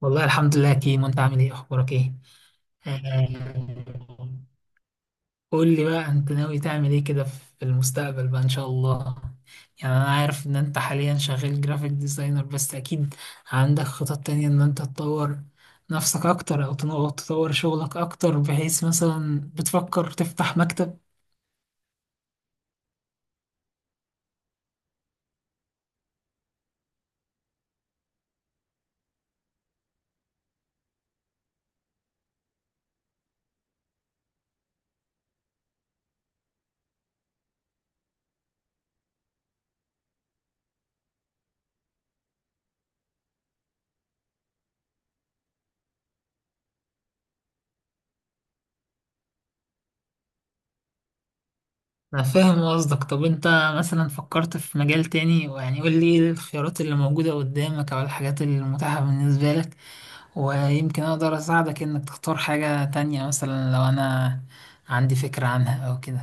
والله الحمد لله يا كيمو، انت عامل ايه؟ اخبارك ايه؟ آه، قول لي بقى، انت ناوي تعمل ايه كده في المستقبل بقى ان شاء الله؟ يعني انا عارف ان انت حاليا شغال جرافيك ديزاينر، بس اكيد عندك خطط تانية ان انت تطور نفسك اكتر، او تطور شغلك اكتر، بحيث مثلا بتفكر تفتح مكتب. انا فاهم قصدك. طب انت مثلا فكرت في مجال تاني؟ يعني قول لي ايه الخيارات اللي موجودة قدامك او الحاجات المتاحة بالنسبة لك، ويمكن أقدر أساعدك إنك تختار حاجة تانية، مثلا لو أنا عندي فكرة عنها أو كده.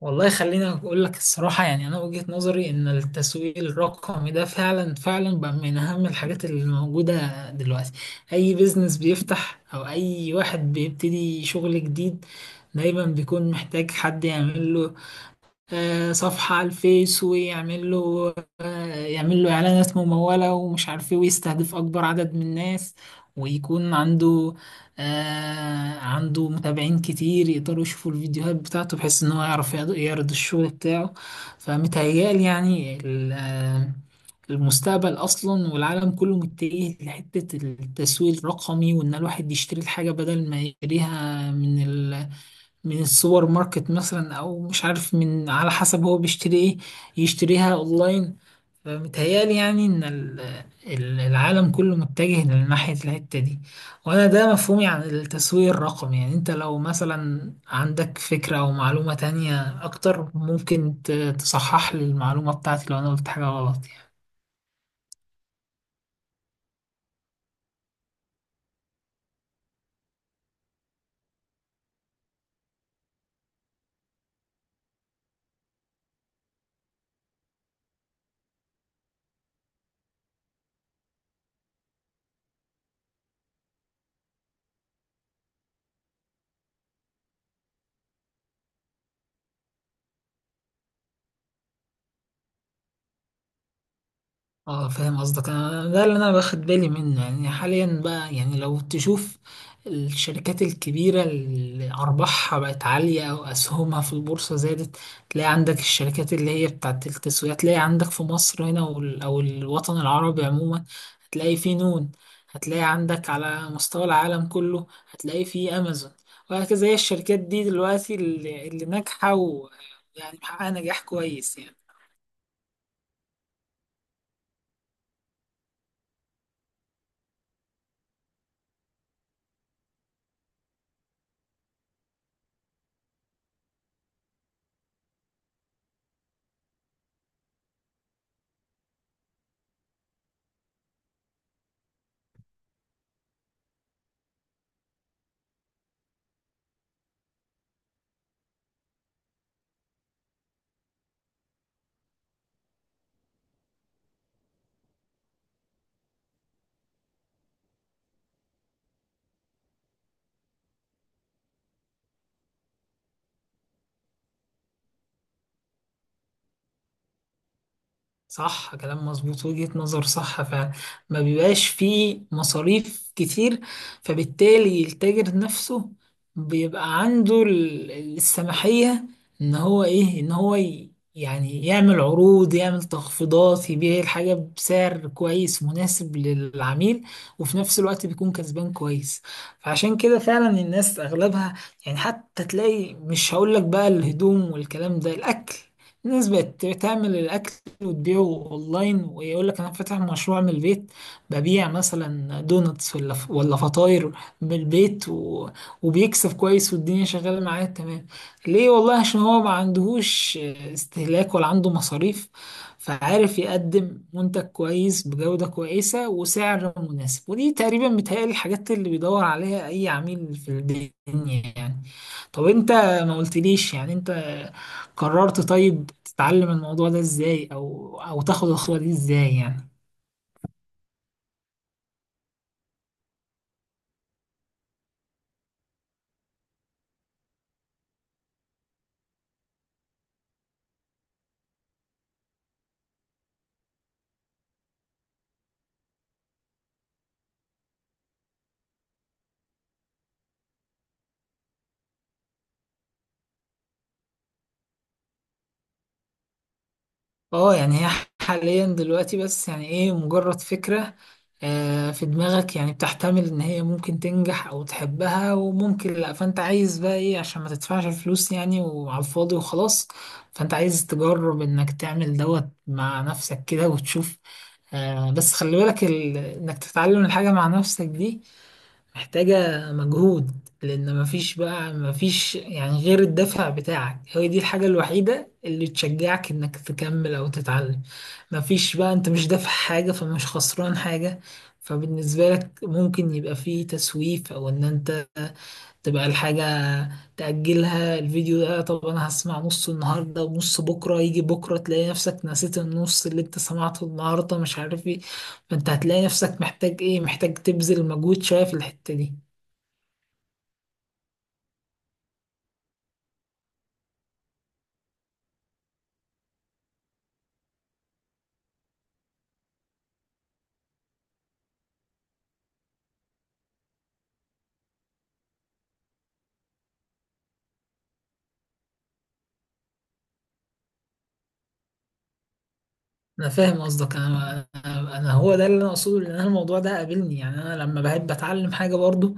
والله خليني أقول لك الصراحة، يعني أنا وجهة نظري إن التسويق الرقمي ده فعلا فعلا بقى من أهم الحاجات اللي موجودة دلوقتي. أي بيزنس بيفتح أو أي واحد بيبتدي شغل جديد، دايما بيكون محتاج حد يعمل له صفحة على الفيس، ويعمل له، يعمل له إعلانات ممولة ومش عارف إيه، ويستهدف أكبر عدد من الناس، ويكون عنده عنده متابعين كتير يقدروا يشوفوا الفيديوهات بتاعته، بحيث إن هو يعرف يعرض يعرض الشغل بتاعه. فمتهيألي يعني المستقبل أصلا والعالم كله متجه لحتة التسويق الرقمي، وإن الواحد يشتري الحاجة بدل ما يشتريها من من السوبر ماركت مثلا او مش عارف، من على حسب هو بيشتري ايه، يشتريها اونلاين. فمتهيألي يعني ان العالم كله متجه لناحية الحتة دي. وانا ده مفهومي عن التسويق الرقمي. يعني انت لو مثلا عندك فكرة او معلومة تانية اكتر، ممكن تصحح لي المعلومة بتاعتي لو انا قلت حاجة غلط يعني. اه فاهم قصدك. انا ده اللي انا باخد بالي منه يعني، حاليا بقى، يعني لو تشوف الشركات الكبيرة اللي أرباحها بقت عالية أو أسهمها في البورصة زادت، تلاقي عندك الشركات اللي هي بتاعت التسويق، تلاقي عندك في مصر هنا أو الوطن العربي عموما، هتلاقي في نون، هتلاقي عندك على مستوى العالم كله هتلاقي في أمازون، وهكذا. هي الشركات دي دلوقتي اللي ناجحة ويعني محققة نجاح كويس يعني. صح، كلام مظبوط، وجهة نظر صح فعلا. ما بيبقاش فيه مصاريف كتير، فبالتالي التاجر نفسه بيبقى عنده السماحية ان هو ايه، ان هو يعني يعمل عروض، يعمل تخفيضات، يبيع الحاجة بسعر كويس مناسب للعميل، وفي نفس الوقت بيكون كسبان كويس. فعشان كده فعلا الناس اغلبها يعني، حتى تلاقي مش هقولك بقى الهدوم والكلام ده، الاكل، الناس بقت تعمل الأكل وتبيعه اونلاين، ويقول لك انا فاتح مشروع من البيت، ببيع مثلا دونتس ولا فطاير من البيت، وبيكسب كويس والدنيا شغاله معاه تمام. ليه؟ والله عشان هو ما عندهوش استهلاك ولا عنده مصاريف، فعارف يقدم منتج كويس بجودة كويسة وسعر مناسب. ودي تقريبا بتهيألي الحاجات اللي بيدور عليها أي عميل في الدنيا يعني. طب أنت ما قلتليش يعني، أنت قررت طيب تتعلم الموضوع ده ازاي، او تاخد الخطوة دي ازاي يعني؟ اه، يعني هي حاليا دلوقتي بس يعني ايه، مجرد فكرة في دماغك يعني، بتحتمل ان هي ممكن تنجح او تحبها وممكن لا، فانت عايز بقى ايه؟ عشان ما تدفعش الفلوس يعني وعلى الفاضي وخلاص. فانت عايز تجرب انك تعمل دوت مع نفسك كده وتشوف. بس خلي بالك، انك تتعلم الحاجة مع نفسك دي محتاجة مجهود، لأن مفيش بقى، مفيش يعني غير الدافع بتاعك، هي دي الحاجة الوحيدة اللي تشجعك إنك تكمل أو تتعلم. مفيش بقى، أنت مش دافع حاجة فمش خسران حاجة، فبالنسبة لك ممكن يبقى فيه تسويف، أو إن أنت تبقى الحاجة تأجلها. الفيديو ده طب أنا هسمع نص النهاردة ونص بكرة، يجي بكرة تلاقي نفسك نسيت النص اللي أنت سمعته النهاردة، مش عارف إيه. فأنت هتلاقي نفسك محتاج إيه، محتاج تبذل مجهود شوية في الحتة دي. انا فاهم قصدك. انا انا أنا هو ده اللي انا اقصده، لان أنا الموضوع ده قابلني يعني. انا لما بحب اتعلم حاجه برضو،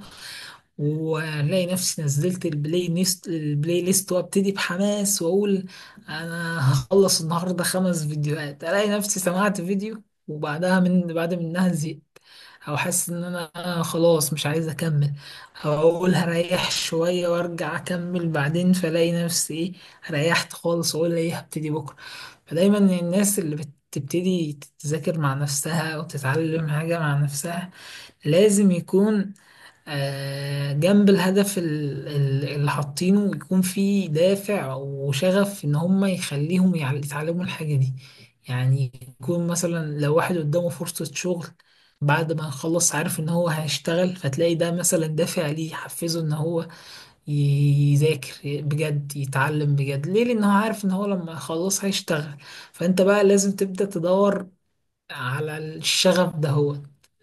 وهنلاقي نفسي نزلت البلاي ليست وابتدي بحماس واقول انا هخلص النهارده خمس فيديوهات، الاقي نفسي سمعت فيديو وبعدها من بعد منها زهقت، او حاسس ان انا خلاص مش عايز اكمل، او اقول هريح شويه وارجع اكمل بعدين، فلاقي نفسي ايه، ريحت خالص واقول ايه، هبتدي بكره. فدايما الناس اللي بتبتدي تذاكر مع نفسها وتتعلم حاجه مع نفسها لازم يكون جنب الهدف اللي حاطينه يكون في دافع وشغف ان هم يخليهم يتعلموا الحاجة دي يعني. يكون مثلا لو واحد قدامه فرصة شغل بعد ما يخلص، عارف ان هو هيشتغل، فتلاقي ده مثلا دافع ليه، يحفزه ان هو يذاكر بجد، يتعلم بجد. ليه؟ لان هو عارف ان هو لما يخلص هيشتغل. فانت بقى لازم تبدأ تدور على الشغف ده، هو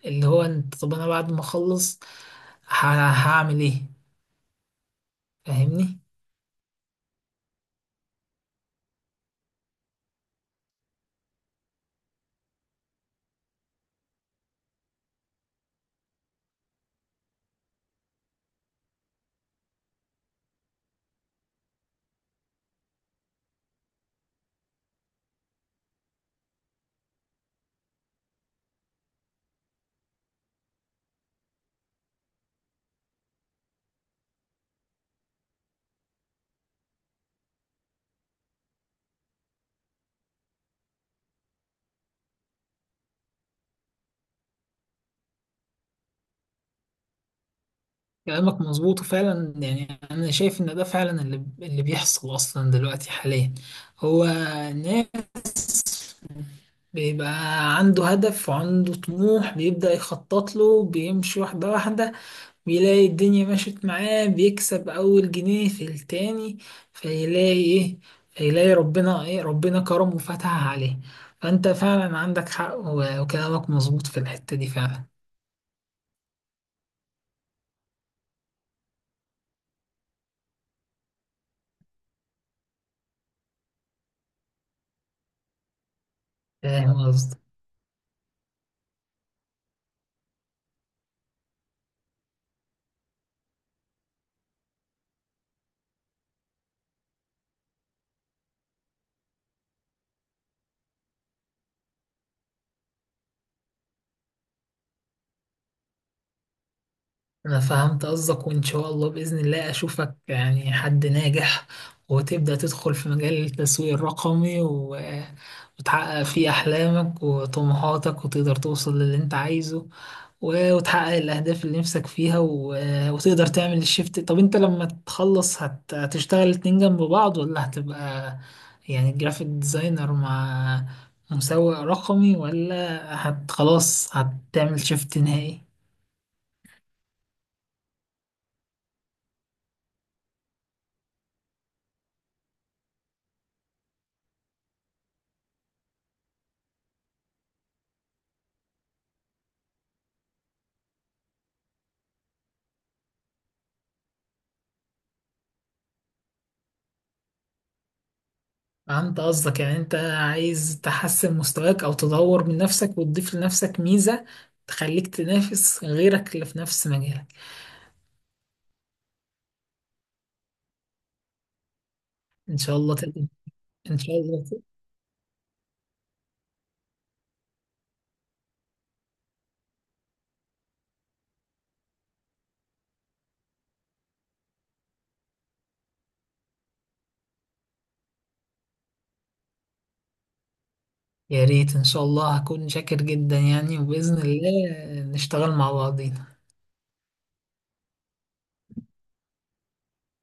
اللي هو انت طب انا بعد ما اخلص هعمل ايه؟ فاهمني. كلامك مظبوط فعلا، يعني انا شايف ان ده فعلا اللي بيحصل اصلا دلوقتي حاليا. هو الناس بيبقى عنده هدف وعنده طموح، بيبدأ يخطط له، بيمشي واحدة واحدة، بيلاقي الدنيا مشيت معاه، بيكسب أول جنيه في التاني، فيلاقي إيه، فيلاقي ربنا إيه، ربنا كرمه وفتح عليه. فأنت فعلا عندك حق وكلامك مظبوط في الحتة دي فعلا. فاهم قصدك. أنا فهمت قصدك، وإن شاء الله بإذن الله أشوفك يعني حد ناجح، وتبدأ تدخل في مجال التسويق الرقمي وتحقق فيه أحلامك وطموحاتك، وتقدر توصل للي أنت عايزه، وتحقق الأهداف اللي نفسك فيها، وتقدر تعمل الشيفت. طب أنت لما تخلص هتشتغل اتنين جنب بعض ولا هتبقى يعني جرافيك ديزاينر مع مسوق رقمي، ولا هت، خلاص هتعمل شيفت نهائي؟ فهمت قصدك، يعني أنت عايز تحسن مستواك أو تدور من نفسك وتضيف لنفسك ميزة تخليك تنافس غيرك اللي في نفس مجالك. إن شاء الله تقدر. إن شاء الله. يا ريت ان شاء الله، هكون شاكر جدا يعني، وبإذن الله نشتغل مع بعضين.